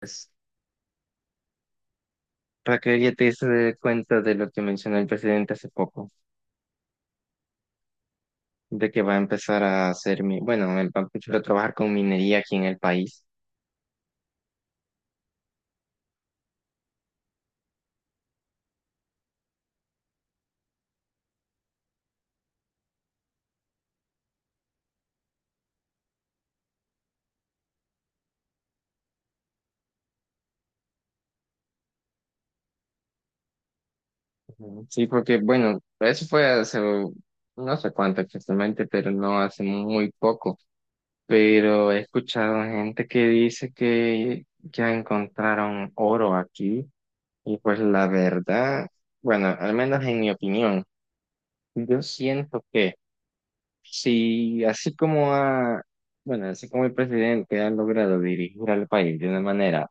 Pues, Raquel, ya te diste cuenta de lo que mencionó el presidente hace poco, de que va a empezar a hacer, va a empezar a trabajar con minería aquí en el país. Ujú. Sí, porque, bueno, eso fue hace, no sé cuánto exactamente, pero no hace muy poco. Pero he escuchado gente que dice que ya encontraron oro aquí y pues la verdad, bueno, al menos en mi opinión, yo siento que... Si así como ha, bueno, Así como el presidente ha logrado dirigir al país de una manera,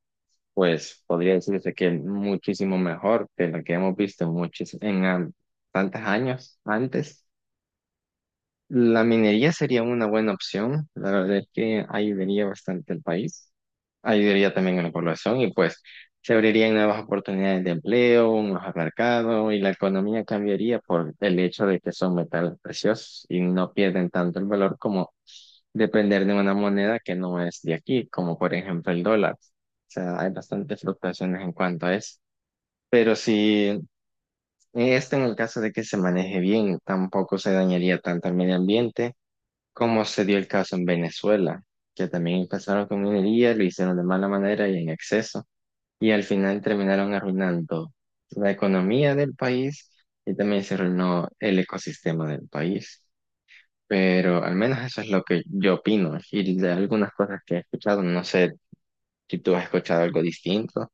pues podría decirse que muchísimo mejor que lo que hemos visto en muchos, tantos años antes. La minería sería una buena opción. La verdad es que ayudaría bastante al país, ayudaría también a la población y pues se abrirían nuevas oportunidades de empleo, un mejor mercado y la economía cambiaría por el hecho de que son metales preciosos y no pierden tanto el valor como depender de una moneda que no es de aquí, como por ejemplo el dólar. O sea, hay bastantes fluctuaciones en cuanto a eso. Pero si esto en el caso de que se maneje bien, tampoco se dañaría tanto el medio ambiente como se dio el caso en Venezuela, que también empezaron con minería, lo hicieron de mala manera y en exceso, y al final terminaron arruinando la economía del país y también se arruinó el ecosistema del país. Pero al menos eso es lo que yo opino. Y de algunas cosas que he escuchado, no sé si tú has escuchado algo distinto.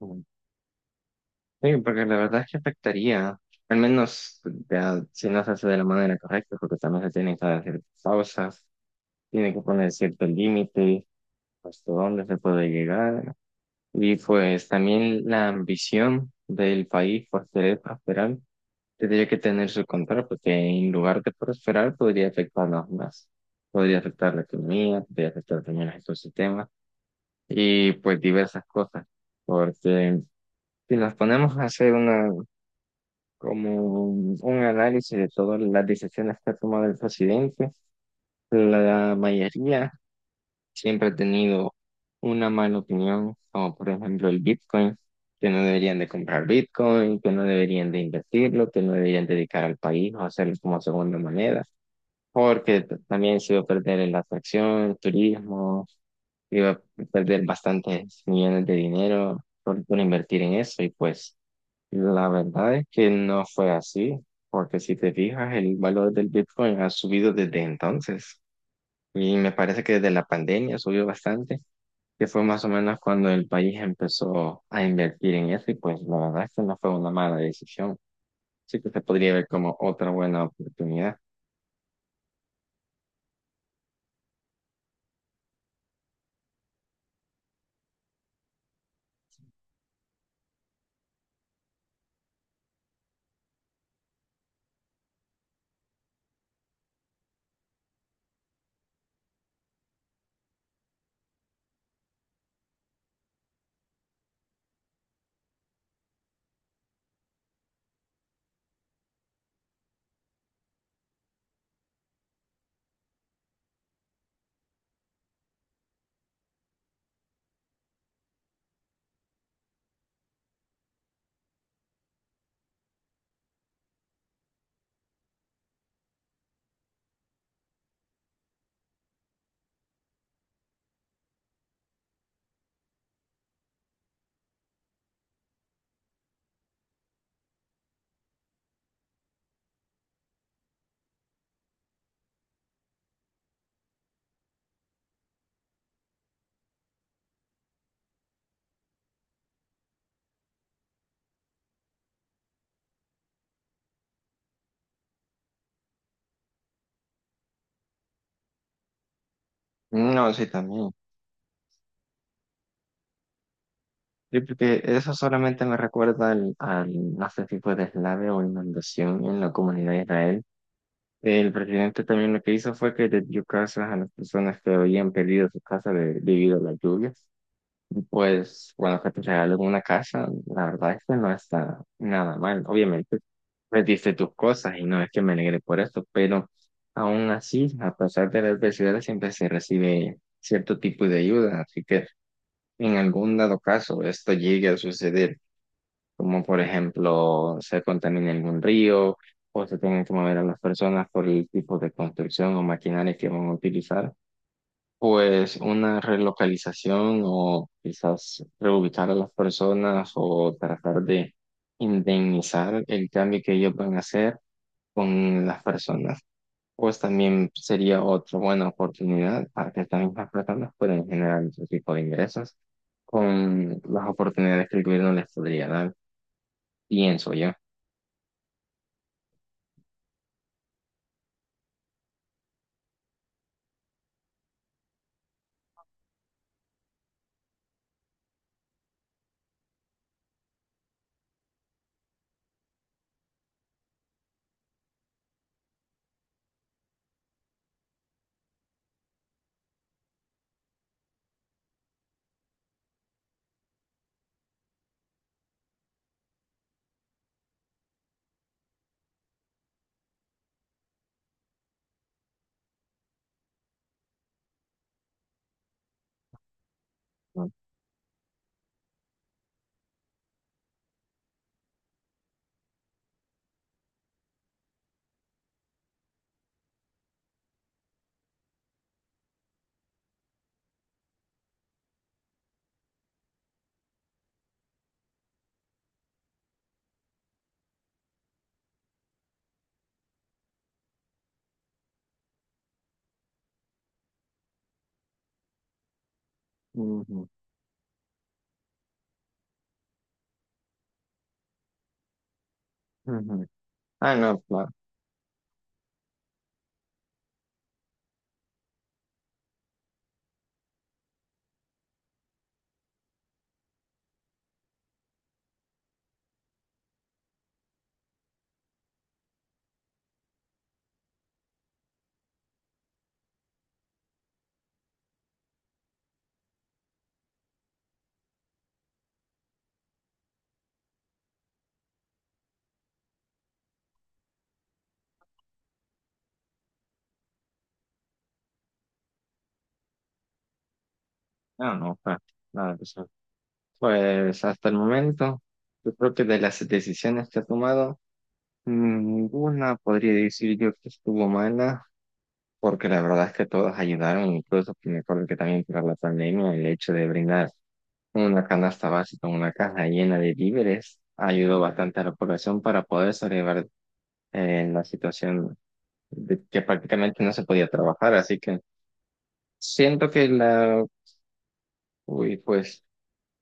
Mm. Sí, porque la verdad es que afectaría, al menos ya, si no se hace de la manera correcta, porque también se tienen que hacer pausas, tiene que poner cierto límite, hasta dónde se puede llegar. Y pues también la ambición del país por querer prosperar tendría que tener su control, porque en lugar de prosperar, podría afectarnos más. Podría afectar la economía, podría afectar también los ecosistemas y pues diversas cosas. Porque si nos ponemos a hacer una, como un análisis de todas las decisiones que ha tomado el presidente, la mayoría siempre ha tenido una mala opinión, como por ejemplo el Bitcoin, que no deberían de comprar Bitcoin, que no deberían de invertirlo, que no deberían dedicar al país o hacerlo como segunda moneda. Porque también se iba a perder en la atracción, el turismo, iba a perder bastantes millones de dinero por invertir en eso y pues la verdad es que no fue así, porque si te fijas, el valor del Bitcoin ha subido desde entonces y me parece que desde la pandemia subió bastante, que fue más o menos cuando el país empezó a invertir en eso y pues la verdad es que no fue una mala decisión, sí que se podría ver como otra buena oportunidad. No, sí, también. Sí, porque eso solamente me recuerda no sé si fue o inundación en la comunidad de Israel. El presidente también lo que hizo fue que le dio casas a las personas que habían perdido su casa debido a las lluvias. Pues cuando que te regalan una casa, la verdad es que no está nada mal. Obviamente, perdiste tus cosas y no es que me alegre por esto, pero aún así, a pesar de la adversidad, siempre se recibe cierto tipo de ayuda. Así que en algún dado caso esto llegue a suceder como por ejemplo se contamina algún río o se tienen que mover a las personas por el tipo de construcción o maquinaria que van a utilizar, pues una relocalización o quizás reubicar a las personas o tratar de indemnizar el cambio que ellos van a hacer con las personas. Pues también sería otra buena oportunidad para que estas mismas personas puedan generar otro tipo de ingresos con las oportunidades que el gobierno les podría dar, pienso yo. Ujú, ujú. Ah, no, claro. No, no, claro. Claro, o sea, pues hasta el momento, yo creo que de las decisiones que ha tomado, ninguna podría decir yo que estuvo mala, porque la verdad es que todas ayudaron, incluso que me acuerdo que también para la pandemia, el hecho de brindar una canasta básica, una caja llena de víveres, ayudó bastante a la población para poder sobrevivir en la situación de que prácticamente no se podía trabajar, así que siento que la... Uy, pues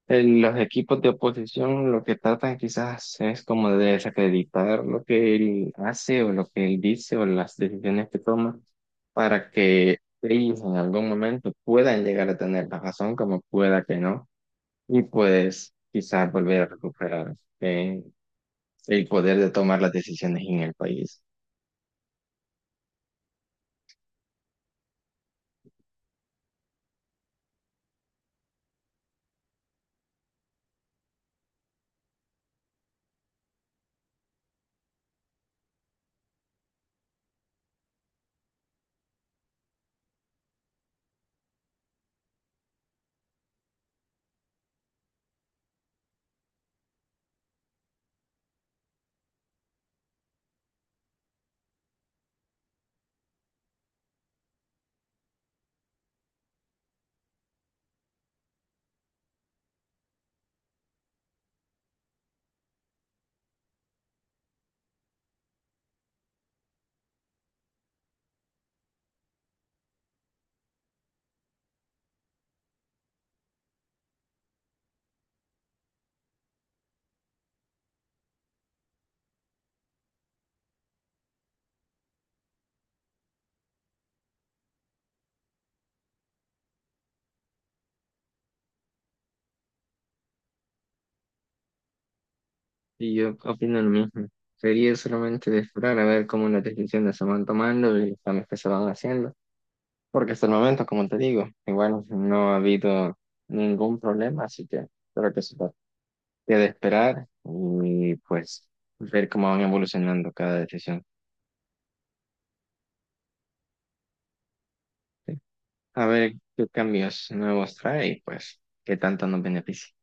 los equipos de oposición lo que tratan quizás es como de desacreditar lo que él hace o lo que él dice o las decisiones que toma para que ellos en algún momento puedan llegar a tener la razón como pueda que no y pues quizás volver a recuperar eh, el poder de tomar las decisiones en el país. Y yo opino lo mismo. Sería solamente de esperar a ver cómo las decisiones se van tomando y los cambios que se van haciendo. Porque hasta el momento, como te digo, igual no ha habido ningún problema, así que creo que eso queda esperar y pues ver cómo van evolucionando cada decisión. ¿Sí? A ver qué cambios nuevos trae y pues qué tanto nos beneficia.